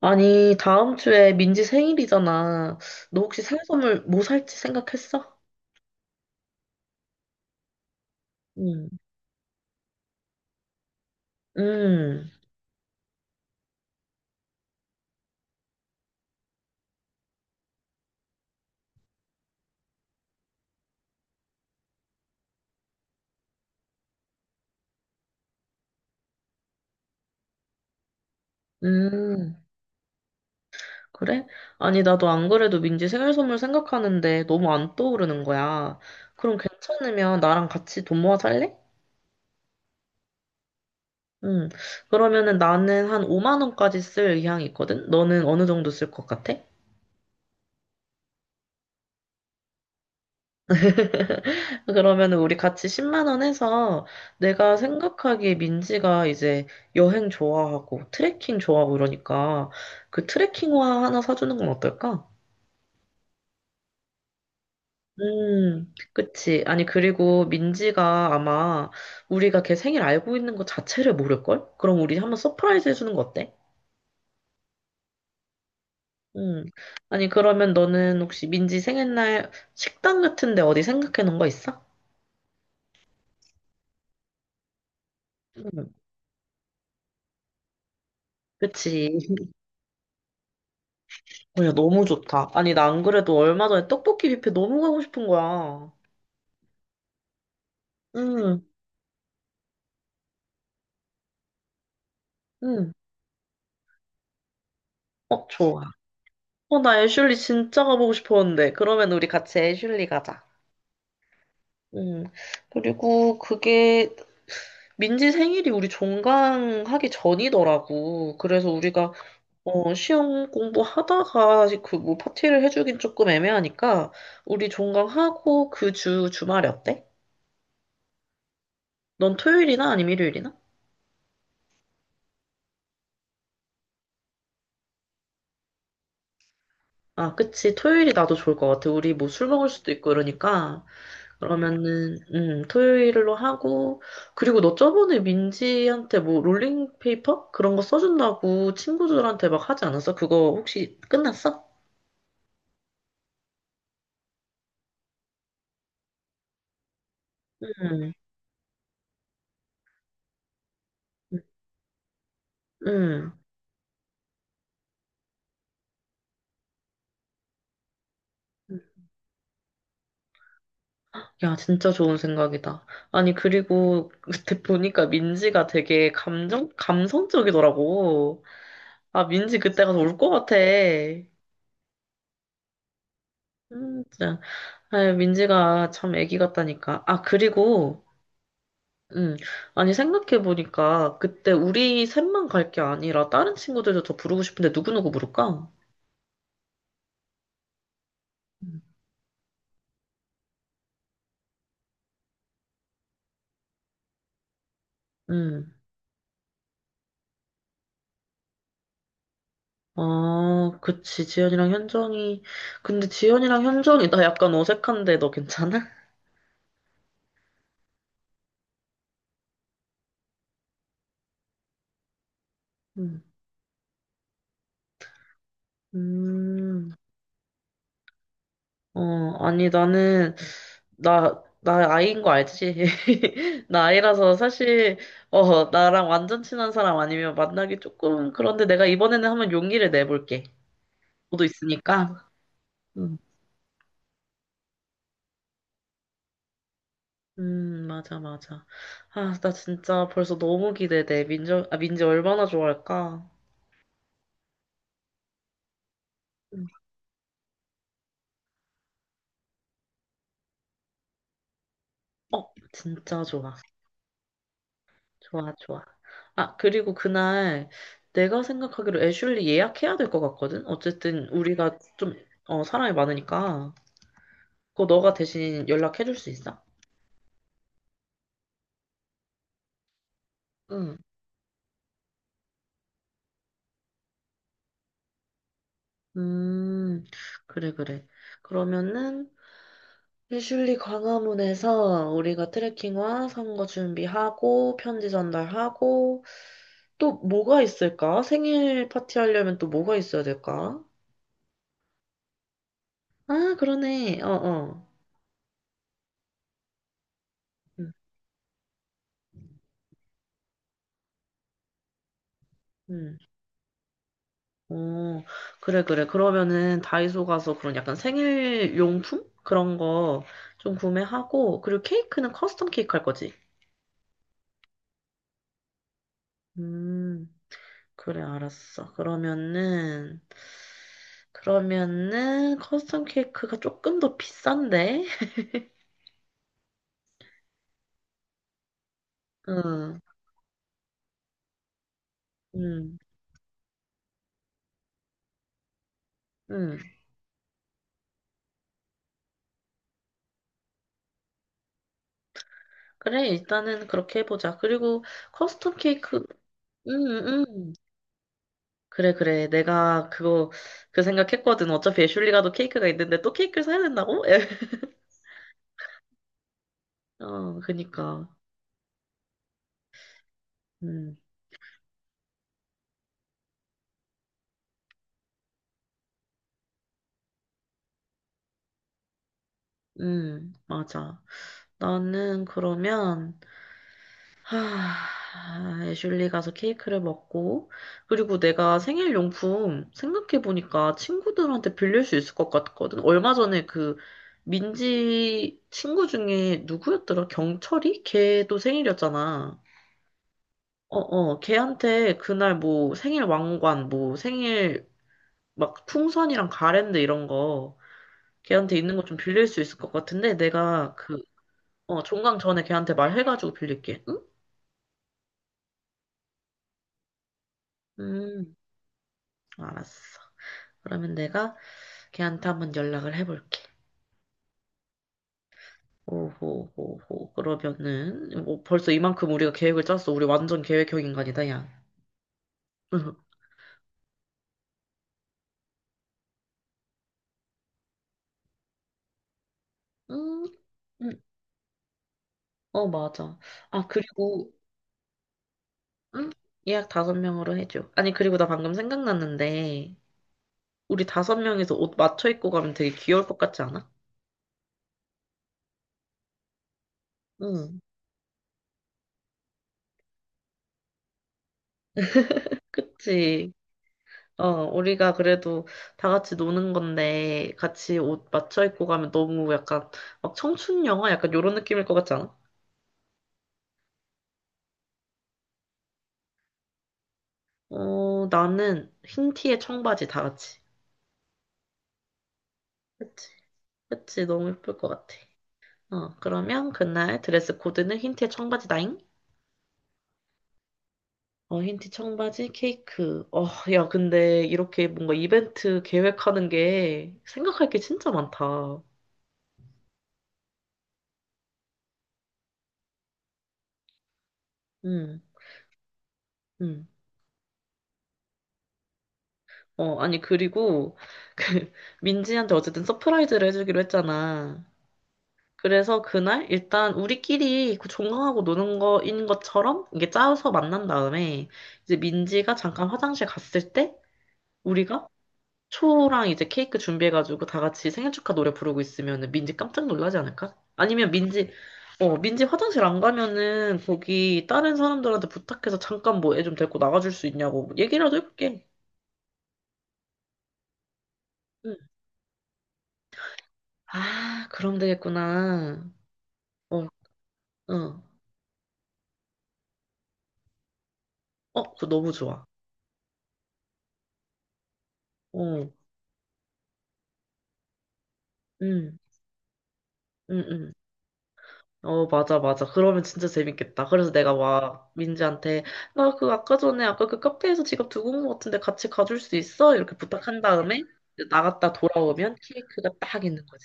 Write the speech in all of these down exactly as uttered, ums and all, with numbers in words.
아니, 다음 주에 민지 생일이잖아. 너 혹시 생일 선물 뭐 살지 생각했어? 응, 음, 음, 그래? 아니, 나도 안 그래도 민지 생일 선물 생각하는데 너무 안 떠오르는 거야. 그럼 괜찮으면 나랑 같이 돈 모아 살래? 응, 그러면은 나는 한 오만 원까지 쓸 의향이 있거든? 너는 어느 정도 쓸 것 같아? 그러면 우리 같이 십만 원 해서 내가 생각하기에 민지가 이제 여행 좋아하고 트레킹 좋아하고 이러니까 그 트레킹화 하나 사주는 건 어떨까? 음, 그치. 아니, 그리고 민지가 아마 우리가 걔 생일 알고 있는 거 자체를 모를걸? 그럼 우리 한번 서프라이즈 해주는 거 어때? 음. 아니, 그러면 너는 혹시 민지 생일날 식당 같은데 어디 생각해 놓은 거 있어? 음, 그치. 어, 야, 너무 좋다. 아니, 나 안 그래도 얼마 전에 떡볶이 뷔페 너무 가고 싶은 거야. 응, 응. 어, 좋아. 어, 나 애슐리 진짜 가보고 싶었는데. 그러면 우리 같이 애슐리 가자. 응. 그리고 그게 민지 생일이 우리 종강하기 전이더라고. 그래서 우리가 어, 시험 공부하다가 그 뭐 파티를 해주긴 조금 애매하니까 우리 종강하고 그 주 주말에 어때? 넌 토요일이나 아니면 일요일이나? 아, 그치. 토요일이 나도 좋을 것 같아. 우리 뭐 술 먹을 수도 있고 이러니까. 음. 그러면은, 음, 토요일로 하고. 그리고 너 저번에 민지한테 뭐 롤링페이퍼? 그런 거 써준다고 친구들한테 막 하지 않았어? 그거 혹시 끝났어? 응, 응. 야, 진짜 좋은 생각이다. 아니, 그리고 그때 보니까 민지가 되게 감정, 감성적이더라고. 아, 민지 그때 가서 울 것 같아. 음, 진짜. 아, 민지가 참 애기 같다니까. 아, 그리고, 음, 아니, 생각해보니까, 그때 우리 셋만 갈 게 아니라, 다른 친구들도 더 부르고 싶은데, 누구누구 부를까? 음, 음. 아, 그치, 지연이랑 현정이. 근데 지연이랑 현정이, 나 약간 어색한데, 너 괜찮아? 음, 음, 어, 아니, 나는, 나, 나 아이인 거 알지? 나 아이라서 사실, 어, 나랑 완전 친한 사람 아니면 만나기 조금, 그런데 내가 이번에는 한번 용기를 내볼게. 너도 있으니까. 음, 음, 맞아, 맞아. 아, 나 진짜 벌써 너무 기대돼. 민지, 아, 민지 얼마나 좋아할까? 음. 어, 진짜 좋아. 좋아, 좋아. 아, 그리고 그날 내가 생각하기로 애슐리 예약해야 될 것 같거든? 어쨌든 우리가 좀, 어, 사람이 많으니까. 그거 너가 대신 연락해줄 수 있어? 응. 음, 그래, 그래. 그러면은, 피슐리 광화문에서 우리가 트레킹화 선거 준비하고, 편지 전달하고, 또 뭐가 있을까? 생일 파티 하려면 또 뭐가 있어야 될까? 아, 그러네. 어, 어. 응. 응 어, 그래, 그래. 그러면은 다이소 가서 그런 약간 생일 용품? 그런 거 좀 구매하고, 그리고 케이크는 커스텀 케이크 할 거지. 음. 그래, 알았어. 그러면은, 그러면은, 커스텀 케이크가 조금 더 비싼데? 응, 응, 응. 그래, 일단은 그렇게 해보자. 그리고 커스텀 케이크, 응, 응. 응. 그래, 그래. 내가 그거, 그 생각했거든. 어차피 애슐리가도 케이크가 있는데 또 케이크를 사야 된다고? 어, 그니까. 응, 응, 맞아. 나는 그러면, 하, 애슐리 가서 케이크를 먹고, 그리고 내가 생일 용품 생각해보니까 친구들한테 빌릴 수 있을 것 같거든. 얼마 전에 그 민지 친구 중에 누구였더라? 경철이? 걔도 생일이었잖아. 어, 어, 걔한테 그날 뭐 생일 왕관, 뭐 생일 막 풍선이랑 가랜드 이런 거 걔한테 있는 거 좀 빌릴 수 있을 것 같은데 내가 그, 어, 종강 전에 걔한테 말해가지고 빌릴게. 응? 음, 알았어. 그러면 내가 걔한테 한번 연락을 해볼게. 오호호호. 그러면은 뭐 벌써 이만큼 우리가 계획을 짰어. 우리 완전 계획형 인간이다, 야. 응. 음, 음. 어, 맞아. 아, 그리고 음? 예약 다섯 명으로 해줘. 아니, 그리고 나 방금 생각났는데 우리 다섯 명이서 옷 맞춰 입고 가면 되게 귀여울 것 같지 않아? 응. 그치. 어, 우리가 그래도 다 같이 노는 건데 같이 옷 맞춰 입고 가면 너무 약간 막 청춘 영화 약간 요런 느낌일 것 같지 않아? 어, 나는 흰 티에 청바지 다 같이. 그치? 그치? 너무 예쁠 것 같아. 어, 그러면 그날 드레스 코드는 흰 티에 청바지 다잉? 어, 흰 티 청바지 케이크. 어, 야, 근데 이렇게 뭔가 이벤트 계획하는 게 생각할 게 진짜 많다. 응, 응. 어, 아니, 그리고 그 민지한테 어쨌든 서프라이즈를 해주기로 했잖아. 그래서 그날 일단 우리끼리 그 종강하고 노는 거인 것처럼 이게 짜서 만난 다음에 이제 민지가 잠깐 화장실 갔을 때 우리가 초랑 이제 케이크 준비해가지고 다 같이 생일 축하 노래 부르고 있으면은 민지 깜짝 놀라지 않을까? 아니면 민지 어 민지 화장실 안 가면은 거기 다른 사람들한테 부탁해서 잠깐 뭐 애 좀 데리고 나가줄 수 있냐고 뭐 얘기라도 해볼게. 응. 아 그럼 되겠구나. 어, 어 어, 그거 너무 좋아. 어, 응, 응, 응. 어, 맞아, 맞아. 그러면 진짜 재밌겠다. 그래서 내가 막 민지한테, 나 그 아까 전에 아까 그 카페에서 지갑 두고 온 것 같은데 같이 가줄 수 있어? 이렇게 부탁한 다음에 나갔다 돌아오면 케이크가 딱 있는 거지.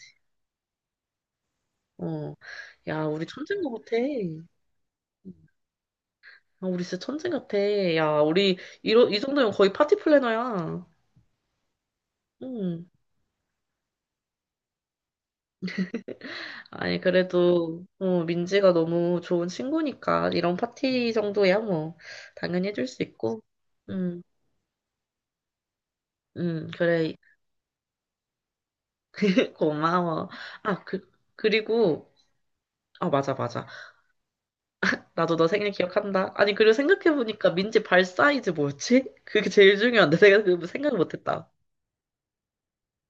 어. 야, 우리 천재인 것 같아. 응. 아, 우리 진짜 천재 같아. 야, 우리 이러, 이 정도면 거의 파티 플래너야. 응. 아니, 그래도, 어, 민지가 너무 좋은 친구니까 이런 파티 정도야 뭐 당연히 해줄 수 있고. 응, 응, 그래. 고마워. 아, 그, 그리고, 아, 맞아, 맞아. 나도 너 생일 기억한다. 아니, 그리고 생각해보니까 민지 발 사이즈 뭐였지? 그게 제일 중요한데, 내가 그 생각을 못했다.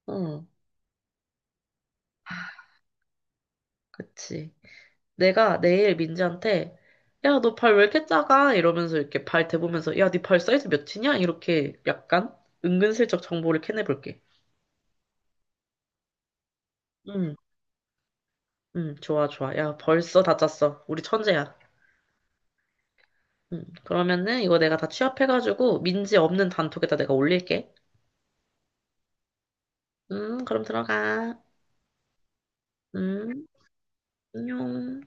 응, 그치. 내가 내일 민지한테, 야, 너 발 왜 이렇게 작아? 이러면서 이렇게 발 대보면서, 야, 네 발 사이즈 몇이냐? 이렇게 약간 은근슬쩍 정보를 캐내볼게. 응, 응, 좋아, 좋아. 야, 벌써 다 짰어. 우리 천재야. 응, 그러면은 이거 내가 다 취합해가지고, 민지 없는 단톡에다 내가 올릴게. 음, 그럼 들어가. 음, 안녕.